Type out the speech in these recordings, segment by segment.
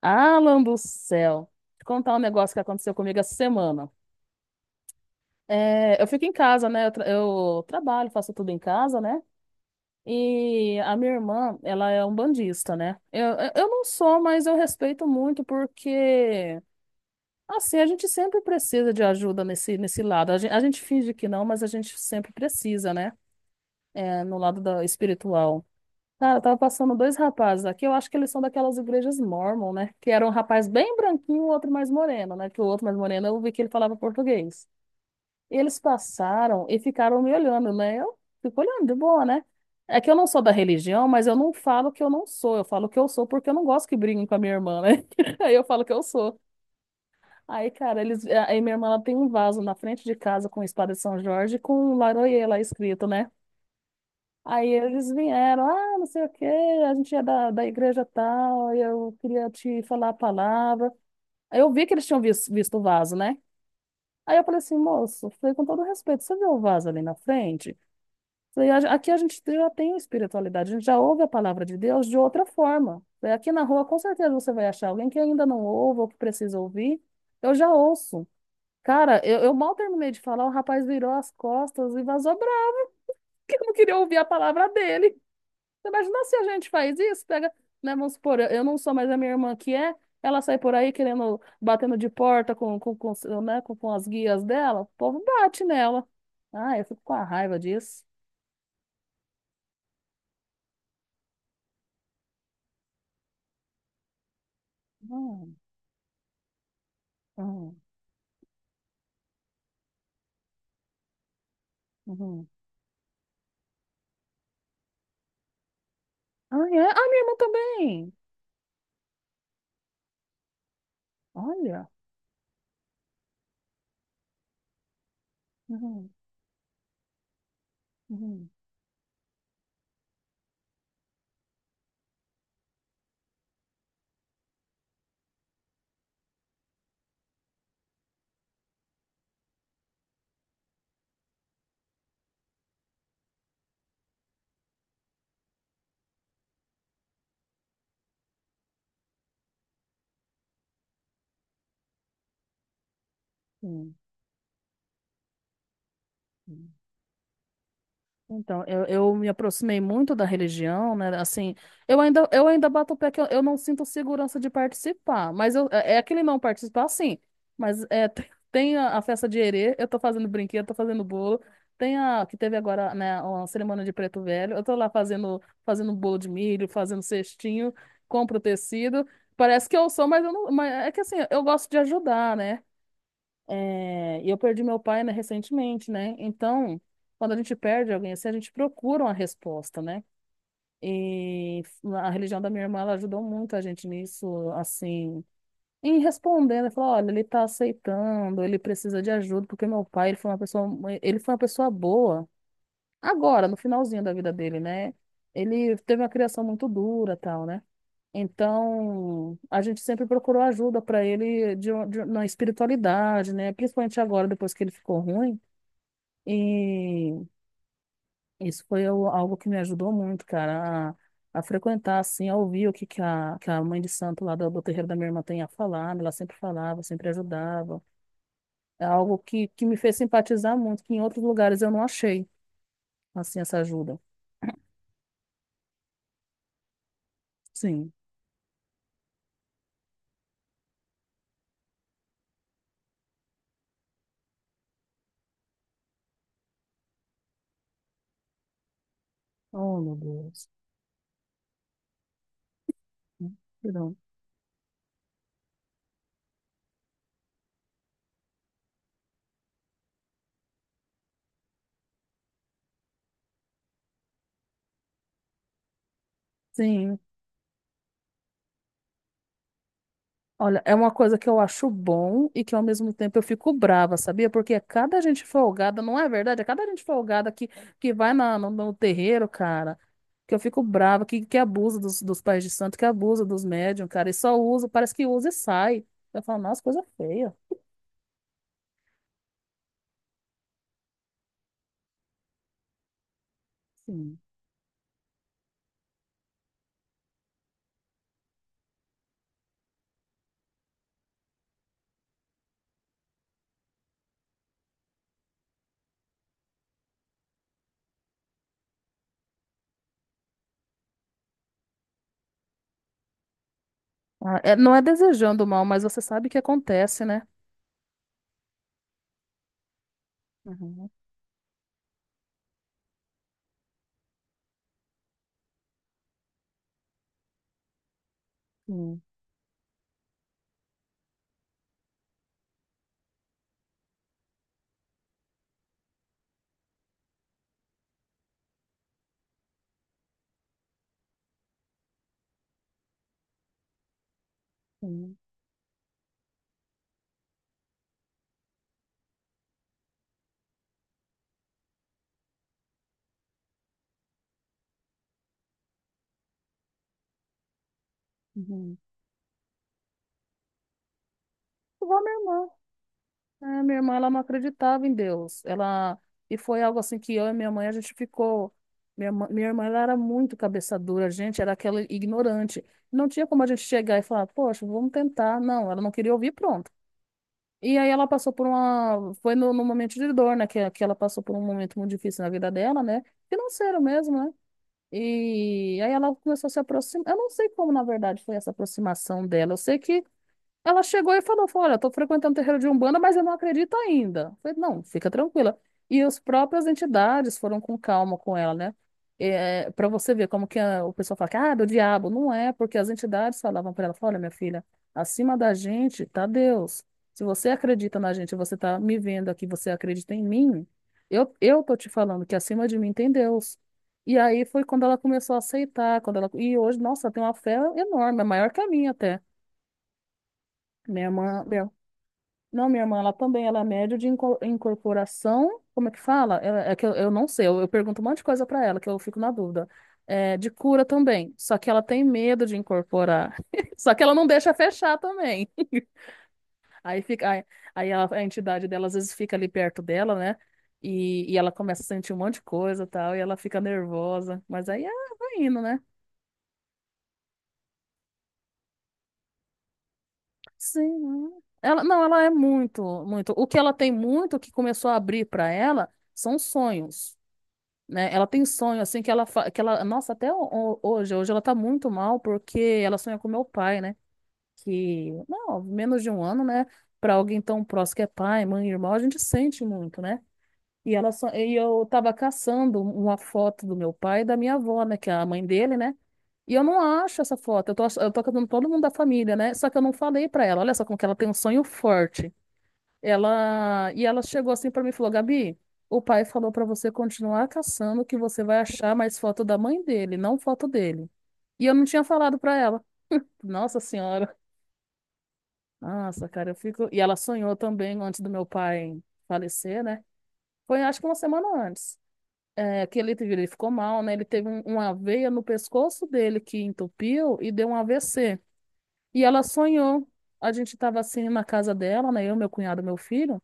Alan do céu. Te contar um negócio que aconteceu comigo essa semana. É, eu fico em casa, né? Eu, eu trabalho, faço tudo em casa, né? E a minha irmã, ela é umbandista, né? Eu, eu não sou, mas eu respeito muito porque, assim, a gente sempre precisa de ajuda nesse lado. A gente finge que não, mas a gente sempre precisa, né? É, no lado da espiritual. Cara, tava passando dois rapazes aqui, eu acho que eles são daquelas igrejas mórmon, né? Que era um rapaz bem branquinho, o outro mais moreno, né? Que o outro mais moreno, eu vi que ele falava português. Eles passaram e ficaram me olhando, né? Eu fico olhando de boa, né? É que eu não sou da religião, mas eu não falo que eu não sou, eu falo que eu sou porque eu não gosto que briguem com a minha irmã, né? Aí eu falo que eu sou. Aí, cara, eles, aí minha irmã ela tem um vaso na frente de casa com espada de São Jorge e com um Laroie lá escrito, né? Aí eles vieram, ah, não sei o quê, a gente é da igreja tal, e eu queria te falar a palavra. Aí eu vi que eles tinham visto, o vaso, né? Aí eu falei assim, moço, falei com todo respeito, você viu o vaso ali na frente? Falei, aqui a gente já tem espiritualidade, a gente já ouve a palavra de Deus de outra forma. Falei, aqui na rua com certeza você vai achar alguém que ainda não ouve ou que precisa ouvir. Eu já ouço. Cara, eu mal terminei de falar, o rapaz virou as costas e vazou bravo, porque não queria ouvir a palavra dele. Você imagina se a gente faz isso, pega, né, vamos supor, eu não sou, mas a minha irmã que é, ela sai por aí querendo, batendo de porta né, com as guias dela, o povo bate nela. Ah, eu fico com a raiva disso. Hum, hum, uhum. Ah, é? Ah, minha irmã também. Olha. Uhum, uhum, uhum, uhum. Então, eu me aproximei muito da religião, né? Assim, eu ainda bato o pé que eu não sinto segurança de participar, mas eu, é é aquele não participar, sim. Mas é, tem a festa de erê, eu tô fazendo brinquedo, tô fazendo bolo. Tem a que teve agora, né, uma cerimônia de preto velho. Eu tô lá fazendo bolo de milho, fazendo cestinho, compro tecido. Parece que eu sou, mas eu não, mas é que assim, eu gosto de ajudar, né? É, e eu perdi meu pai, né, recentemente, né? Então, quando a gente perde alguém assim, a gente procura uma resposta, né? E a religião da minha irmã, ela ajudou muito a gente nisso, assim, em respondendo, ela falou, olha, ele tá aceitando, ele precisa de ajuda, porque meu pai, ele foi uma pessoa boa, agora, no finalzinho da vida dele, né? Ele teve uma criação muito dura, tal, né? Então, a gente sempre procurou ajuda para ele de, na espiritualidade, né? Principalmente agora, depois que ele ficou ruim. E isso foi algo que me ajudou muito, cara, a frequentar, assim, a ouvir o que, que a mãe de santo lá do terreiro da minha irmã tem a falar. Né? Ela sempre falava, sempre ajudava. É algo que me fez simpatizar muito, que em outros lugares eu não achei, assim, essa ajuda. Sim. Oh, meu Deus. Não. Sim. Olha, é uma coisa que eu acho bom e que ao mesmo tempo eu fico brava, sabia? Porque é cada gente folgada, não é verdade? É cada gente folgada que vai na, no, no terreiro, cara, que eu fico brava, que abusa dos, dos pais de santo, que abusa dos médiums, cara, e só usa, parece que usa e sai. Eu falo, nossa, coisa feia. Sim. Ah, não é desejando mal, mas você sabe o que acontece, né? Uhum, sim, sim, uhum. Igual a minha irmã. É, minha irmã, ela não acreditava em Deus. Ela e foi algo assim que eu e minha mãe a gente ficou. Minha irmã, ela era muito cabeça dura, a gente era aquela ignorante. Não tinha como a gente chegar e falar, poxa, vamos tentar. Não, ela não queria ouvir, pronto. E aí ela passou por uma, foi no momento de dor, né? Que ela passou por um momento muito difícil na vida dela, né? Financeiro mesmo, né? E aí ela começou a se aproximar. Eu não sei como, na verdade, foi essa aproximação dela. Eu sei que ela chegou e falou, olha, estou frequentando o terreiro de Umbanda, mas eu não acredito ainda. Eu falei, não, fica tranquila. E as próprias entidades foram com calma com ela, né? É, para você ver como que o pessoal fala que, ah, do diabo. Não é, porque as entidades falavam para ela, falaram, olha, minha filha, acima da gente tá Deus. Se você acredita na gente, você tá me vendo aqui, você acredita em mim, eu tô te falando que acima de mim tem Deus. E aí foi quando ela começou a aceitar, quando ela... E hoje, nossa, ela tem uma fé enorme, é maior que a minha até. Minha irmã, não, minha irmã, ela também, ela é médio de incorporação, como é que fala? É, é que eu não sei, eu pergunto um monte de coisa pra ela, que eu fico na dúvida. É, de cura também, só que ela tem medo de incorporar. Só que ela não deixa fechar também. Aí fica, aí, aí a entidade dela às vezes fica ali perto dela, né? E ela começa a sentir um monte de coisa e tal, e ela fica nervosa. Mas aí ah, vai indo, né? Sim. Ela, não, ela é muito, muito. O que ela tem muito, o que começou a abrir pra ela, são sonhos. Né? Ela tem um sonho, assim, que ela, nossa, até hoje ela tá muito mal porque ela sonha com meu pai, né? Que, não, menos de um ano, né? Pra alguém tão próximo que é pai, mãe, irmão, a gente sente muito, né? E ela só, e eu tava caçando uma foto do meu pai e da minha avó, né? Que é a mãe dele, né? E eu não acho essa foto. Eu tô, eu tô catando todo mundo da família, né? Só que eu não falei pra ela. Olha só como que ela tem um sonho forte. Ela e ela chegou assim pra mim e falou: Gabi, o pai falou pra você continuar caçando que você vai achar mais foto da mãe dele, não foto dele. E eu não tinha falado pra ela. Nossa Senhora. Nossa, cara, eu fico. E ela sonhou também antes do meu pai falecer, né? Foi acho que uma semana antes. É, que ele, ele ficou mal, né? Ele teve uma veia no pescoço dele que entupiu e deu um AVC. E ela sonhou. A gente tava assim na casa dela, né? Eu, meu cunhado, meu filho.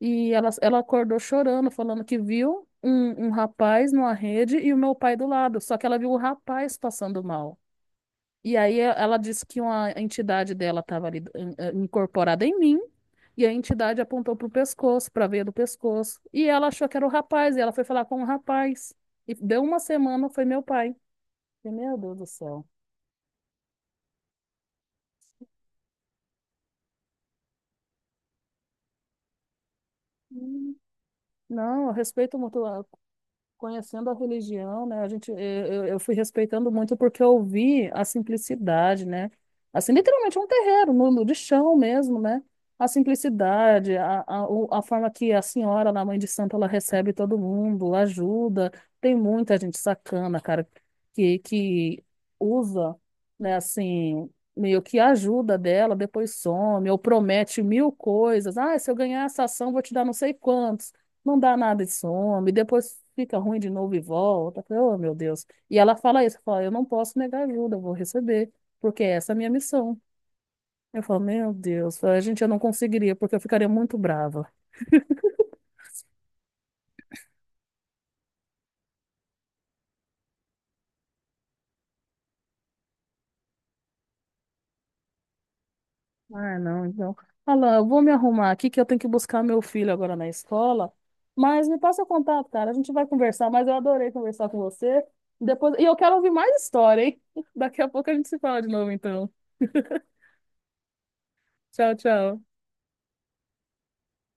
Ela acordou chorando, falando que viu um rapaz numa rede e o meu pai do lado. Só que ela viu o rapaz passando mal. E aí ela disse que uma entidade dela estava ali incorporada em mim. E a entidade apontou pro pescoço, pra veia do pescoço. E ela achou que era o rapaz. E ela foi falar com o rapaz. E deu uma semana, foi meu pai. E, meu Deus do céu. Hum. Não, eu respeito muito. Conhecendo a religião, né, a gente, eu, eu fui respeitando muito porque eu vi a simplicidade, né? Assim, literalmente é um terreiro, de chão mesmo, né? A simplicidade, a forma que a senhora, na Mãe de Santo, ela recebe todo mundo, ajuda. Tem muita gente sacana, cara, que usa, né, assim, meio que ajuda dela, depois some, ou promete mil coisas. Ah, se eu ganhar essa ação, vou te dar não sei quantos, não dá nada e some, depois fica ruim de novo e volta. Eu falei, oh, meu Deus. E ela fala isso, fala, eu não posso negar ajuda, eu vou receber, porque essa é a minha missão. Eu falo, meu Deus, a gente, eu não conseguiria, porque eu ficaria muito brava. Ah, não, então. Fala, eu vou me arrumar aqui que eu tenho que buscar meu filho agora na escola. Mas me passa o contato, cara. A gente vai conversar, mas eu adorei conversar com você. Depois... E eu quero ouvir mais história, hein? Daqui a pouco a gente se fala de novo, então. Tchau, tchau.